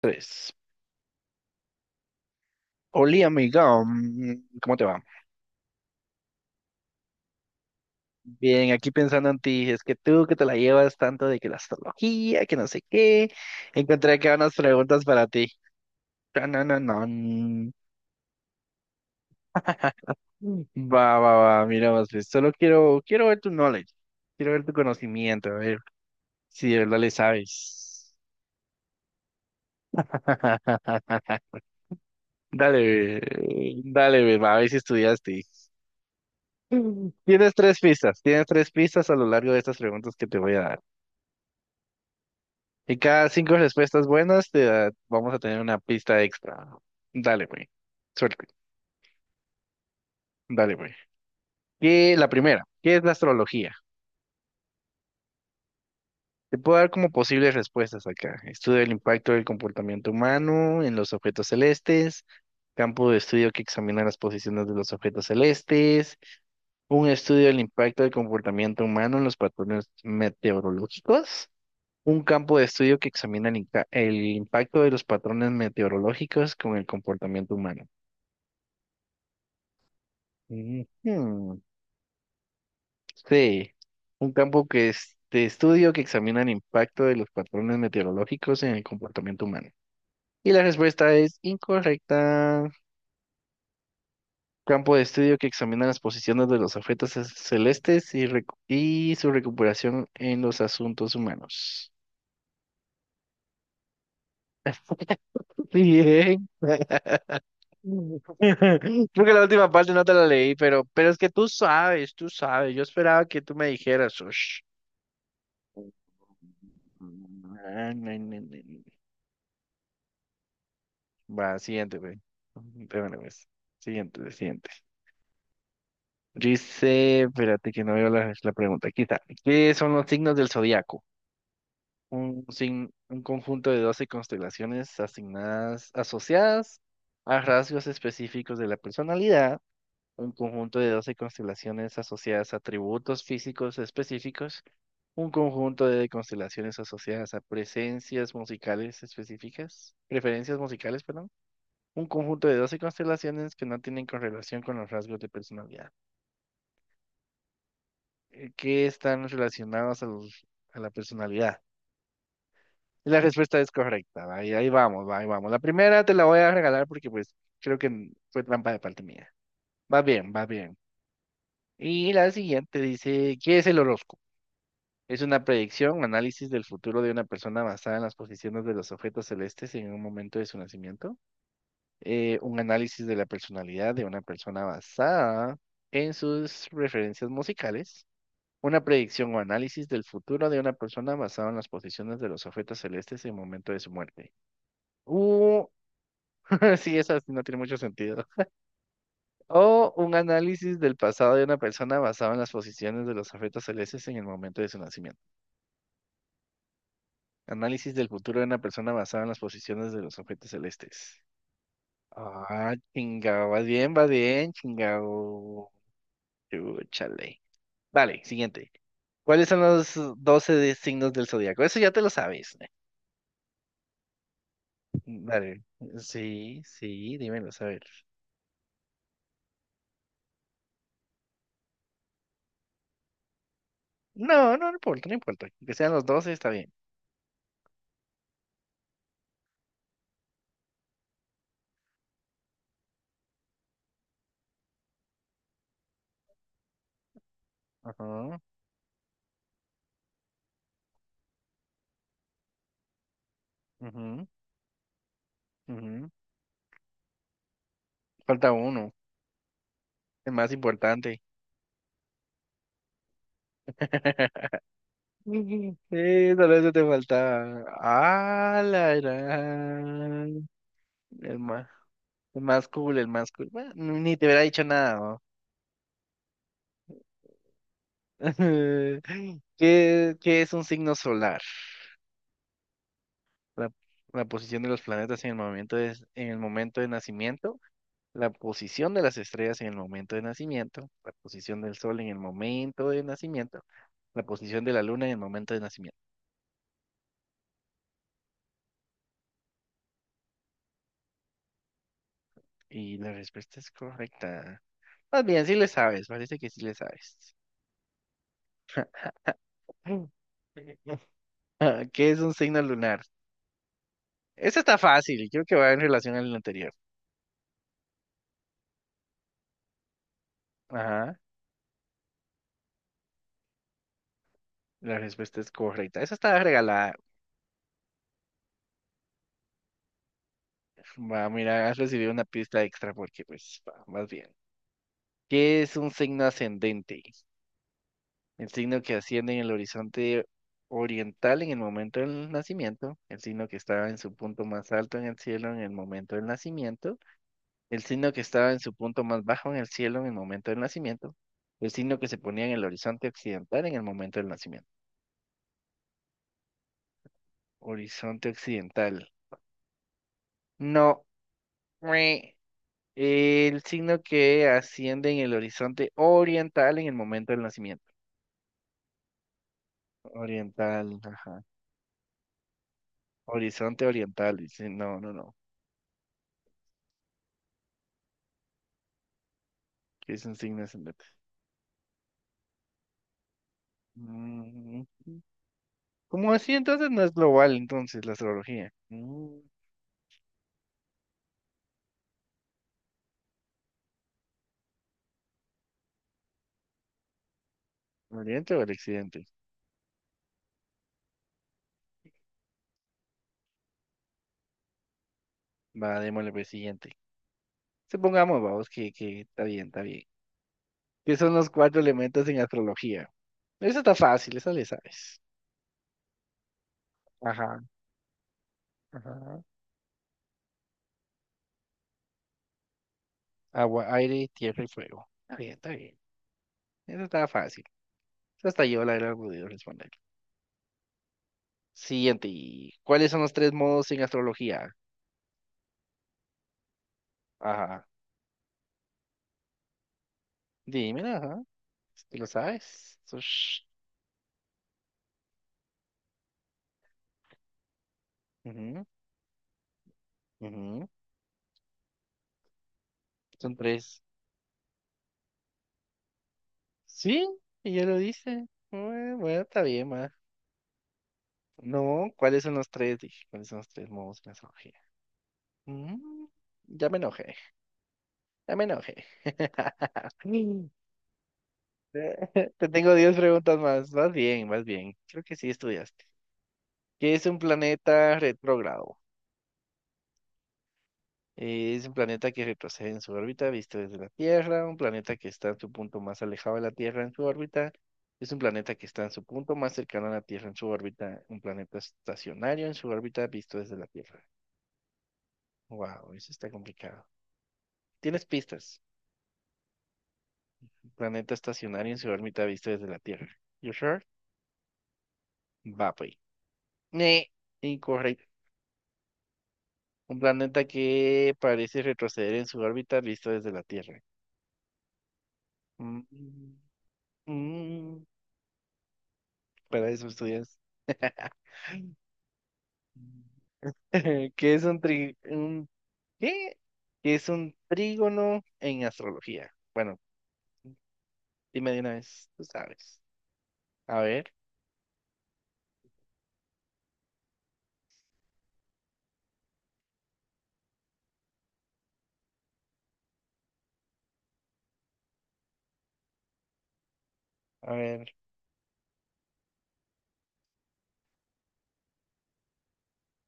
Tres. Oli, amiga, ¿cómo te va? Bien, aquí pensando en ti, es que tú que te la llevas tanto de que la astrología, que no sé qué, encontré acá unas preguntas para ti. Tanananán. Va, va, va, mira, más bien, solo quiero, quiero ver tu knowledge, quiero ver tu conocimiento, a ver si de verdad le sabes. Dale, dale, ve, va, a ver si estudiaste. Mm. Tienes tres pistas a lo largo de estas preguntas que te voy a dar. Y cada cinco respuestas buenas vamos a tener una pista extra. Dale, güey. Suerte. Dale, güey. Y la primera, ¿qué es la astrología? Te puedo dar como posibles respuestas acá. Estudio del impacto del comportamiento humano en los objetos celestes, campo de estudio que examina las posiciones de los objetos celestes, un estudio del impacto del comportamiento humano en los patrones meteorológicos, un campo de estudio que examina el impacto de los patrones meteorológicos con el comportamiento humano. Ujú, sí, un campo que es de estudio que examina el impacto de los patrones meteorológicos en el comportamiento humano. Y la respuesta es incorrecta. Campo de estudio que examina las posiciones de los objetos celestes y su recuperación en los asuntos humanos. Bien. Creo que la última parte no te la leí, pero es que tú sabes, tú sabes. Yo esperaba que tú me dijeras: "Ush". Va, siguiente, güey. De una vez. Siguiente, siguiente. Dice, espérate que no veo la pregunta. Aquí está. ¿Qué son los signos del zodiaco? Un, sin un conjunto de 12 constelaciones asociadas a rasgos específicos de la personalidad, un conjunto de 12 constelaciones asociadas a atributos físicos específicos, un conjunto de constelaciones asociadas a preferencias musicales, perdón. Un conjunto de 12 constelaciones que no tienen correlación con los rasgos de personalidad, que están relacionados a la personalidad. Y la respuesta es correcta, va, y ahí vamos, va, ahí vamos. La primera te la voy a regalar porque pues creo que fue trampa de parte mía. Va bien, va bien. Y la siguiente dice, ¿qué es el horóscopo? Es una predicción, un análisis del futuro de una persona basada en las posiciones de los objetos celestes en un momento de su nacimiento. Un análisis de la personalidad de una persona basada en sus referencias musicales, una predicción o análisis del futuro de una persona basado en las posiciones de los objetos celestes en el momento de su muerte. Uh, sí, esa sí no tiene mucho sentido. O un análisis del pasado de una persona basado en las posiciones de los objetos celestes en el momento de su nacimiento. Análisis del futuro de una persona basado en las posiciones de los objetos celestes. Ah, chingado, va bien, chingado. Chúchale. Vale, siguiente. ¿Cuáles son los 12 signos del zodiaco? Eso ya te lo sabes, ¿eh? Vale. Sí, sí, dímelo, a ver. No, no, no importa, no importa. Que sean los 12 está bien. Ajá, ujú, ujú. Falta uno, el más importante. Sí, solo eso te faltaba. Ah, la gran. El más, el más cool, el más cool. Bueno, ni te hubiera dicho nada, ¿no? ¿Qué es un signo solar? La, la posición de los planetas en el momento de nacimiento, la posición de las estrellas en el momento de nacimiento, la posición del sol en el momento de nacimiento, la posición de la luna en el momento de nacimiento. Y la respuesta es correcta. Más bien, sí le sabes, parece que sí le sabes. Mm. Ah, ¿qué es un signo lunar? Esa está fácil, creo que va en relación al anterior. Ajá, la respuesta es correcta. Esa está regalada. Va, mira, has recibido una pista extra porque pues va, vas bien. ¿Qué es un signo ascendente? El signo que asciende en el horizonte oriental en el momento del nacimiento, el signo que estaba en su punto más alto en el cielo en el momento del nacimiento, el signo que estaba en su punto más bajo en el cielo en el momento del nacimiento, el signo que se ponía en el horizonte occidental en el momento del nacimiento. Horizonte occidental. No. Mue. El signo que asciende en el horizonte oriental en el momento del nacimiento. Oriental, ajá. Horizonte oriental, dice, no, no, no, que es un signo ascendente. Mm, ¿Cómo así? Entonces no es global, entonces, la astrología. ¿El ¿Oriente o el occidente? Va, démosle por el siguiente. Supongamos, vamos, que está bien, está bien. ¿Qué son los cuatro elementos en astrología? Eso está fácil, eso le sabes. Ajá, ajá. Agua, aire, tierra y fuego. Está bien, está bien. Eso está fácil. Eso hasta yo la he podido responder. Siguiente. ¿Cuáles son los tres modos en astrología? Ajá. Dímela, ajá. ¿Te lo sabes? Ujú, ujú. Son tres. Sí, ella lo dice. Bueno, bueno, está bien, ma. No, ¿cuáles son los tres? Dije, ¿cuáles son los tres modos de mensajería? Mm, ya me enojé, ya me enojé. Mm. Te tengo 10 preguntas más. Vas bien, vas bien. Creo que sí estudiaste. ¿Qué es un planeta retrógrado? Es un planeta que retrocede en su órbita visto desde la Tierra, un planeta que está en su punto más alejado de la Tierra en su órbita, es un planeta que está en su punto más cercano a la Tierra en su órbita, un planeta estacionario en su órbita visto desde la Tierra. Wow, eso está complicado. ¿Tienes pistas? Un planeta estacionario en su órbita visto desde la Tierra. You sure? Va, pues. Ne, incorrecto. Un planeta que parece retroceder en su órbita visto desde la Tierra. Mm, mm, Para eso estudias. ¿Qué es un un qué? ¿Qué es un trígono en astrología? Bueno, dime de una vez, tú sabes. A ver, a ver,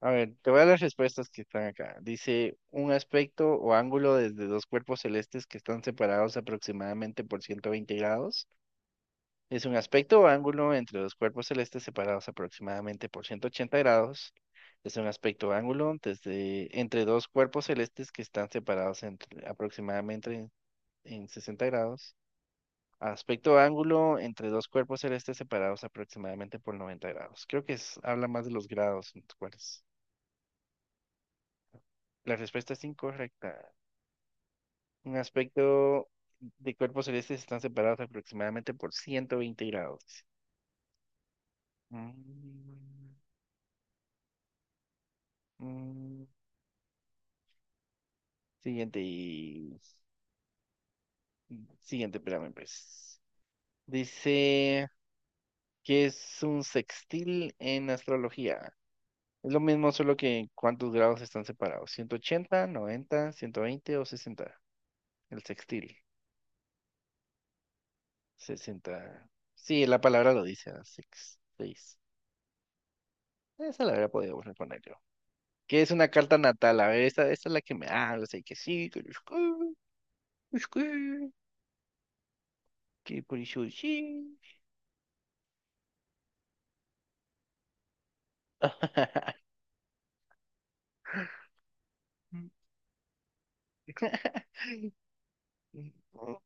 a ver, te voy a las respuestas que están acá. Dice un aspecto o ángulo desde dos cuerpos celestes que están separados aproximadamente por 120 grados. Es un aspecto o ángulo entre dos cuerpos celestes separados aproximadamente por 180 grados. Es un aspecto o ángulo desde, entre dos cuerpos celestes que están separados aproximadamente en 60 grados. Aspecto o ángulo entre dos cuerpos celestes separados aproximadamente por 90 grados. Creo que habla más de los grados en los cuales. La respuesta es incorrecta. Un aspecto de cuerpos celestes están separados aproximadamente por 120 grados. Mm, mm. Siguiente y... Siguiente, espérame, pues. Dice que es un sextil en astrología. Es lo mismo, solo que cuántos grados están separados: 180, 90, 120 o 60. El sextil. 60. Sí, la palabra lo dice. Ah, sex, seis. Esa la habría podido poner yo. Que es una carta natal. A ver, esta es la que me habla. Sé que sí, que los que, los que, que por eso sí. No,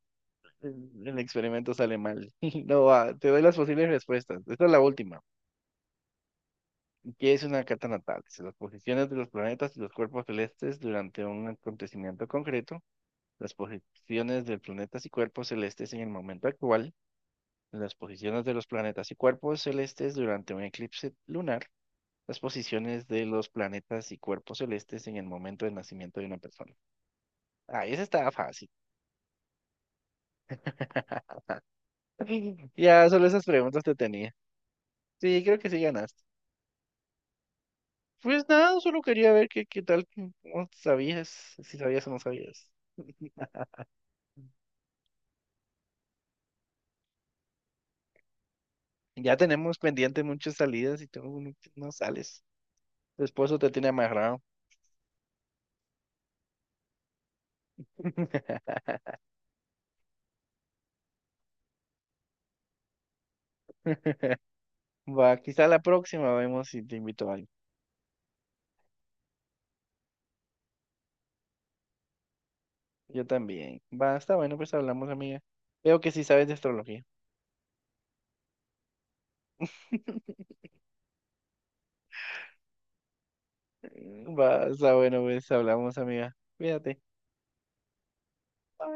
el experimento sale mal. No, va, te doy las posibles respuestas. Esta es la última. ¿Qué es una carta natal? Es las posiciones de los planetas y los cuerpos celestes durante un acontecimiento concreto, las posiciones de planetas y cuerpos celestes en el momento actual, las posiciones de los planetas y cuerpos celestes durante un eclipse lunar, las posiciones de los planetas y cuerpos celestes en el momento del nacimiento de una persona. Ah, esa estaba fácil. Ya, solo esas preguntas te tenía. Sí, creo que sí ganaste. Pues nada, solo quería ver qué tal, cómo sabías, si sabías o no sabías. Ya tenemos pendiente muchas salidas y tú no sales. Tu esposo te tiene amarrado. Va, quizá la próxima vemos si te invito a alguien. Yo también. Va, está bueno, pues hablamos, amiga. Veo que sí sabes de astrología. Va, está bueno, pues hablamos, amiga. Cuídate.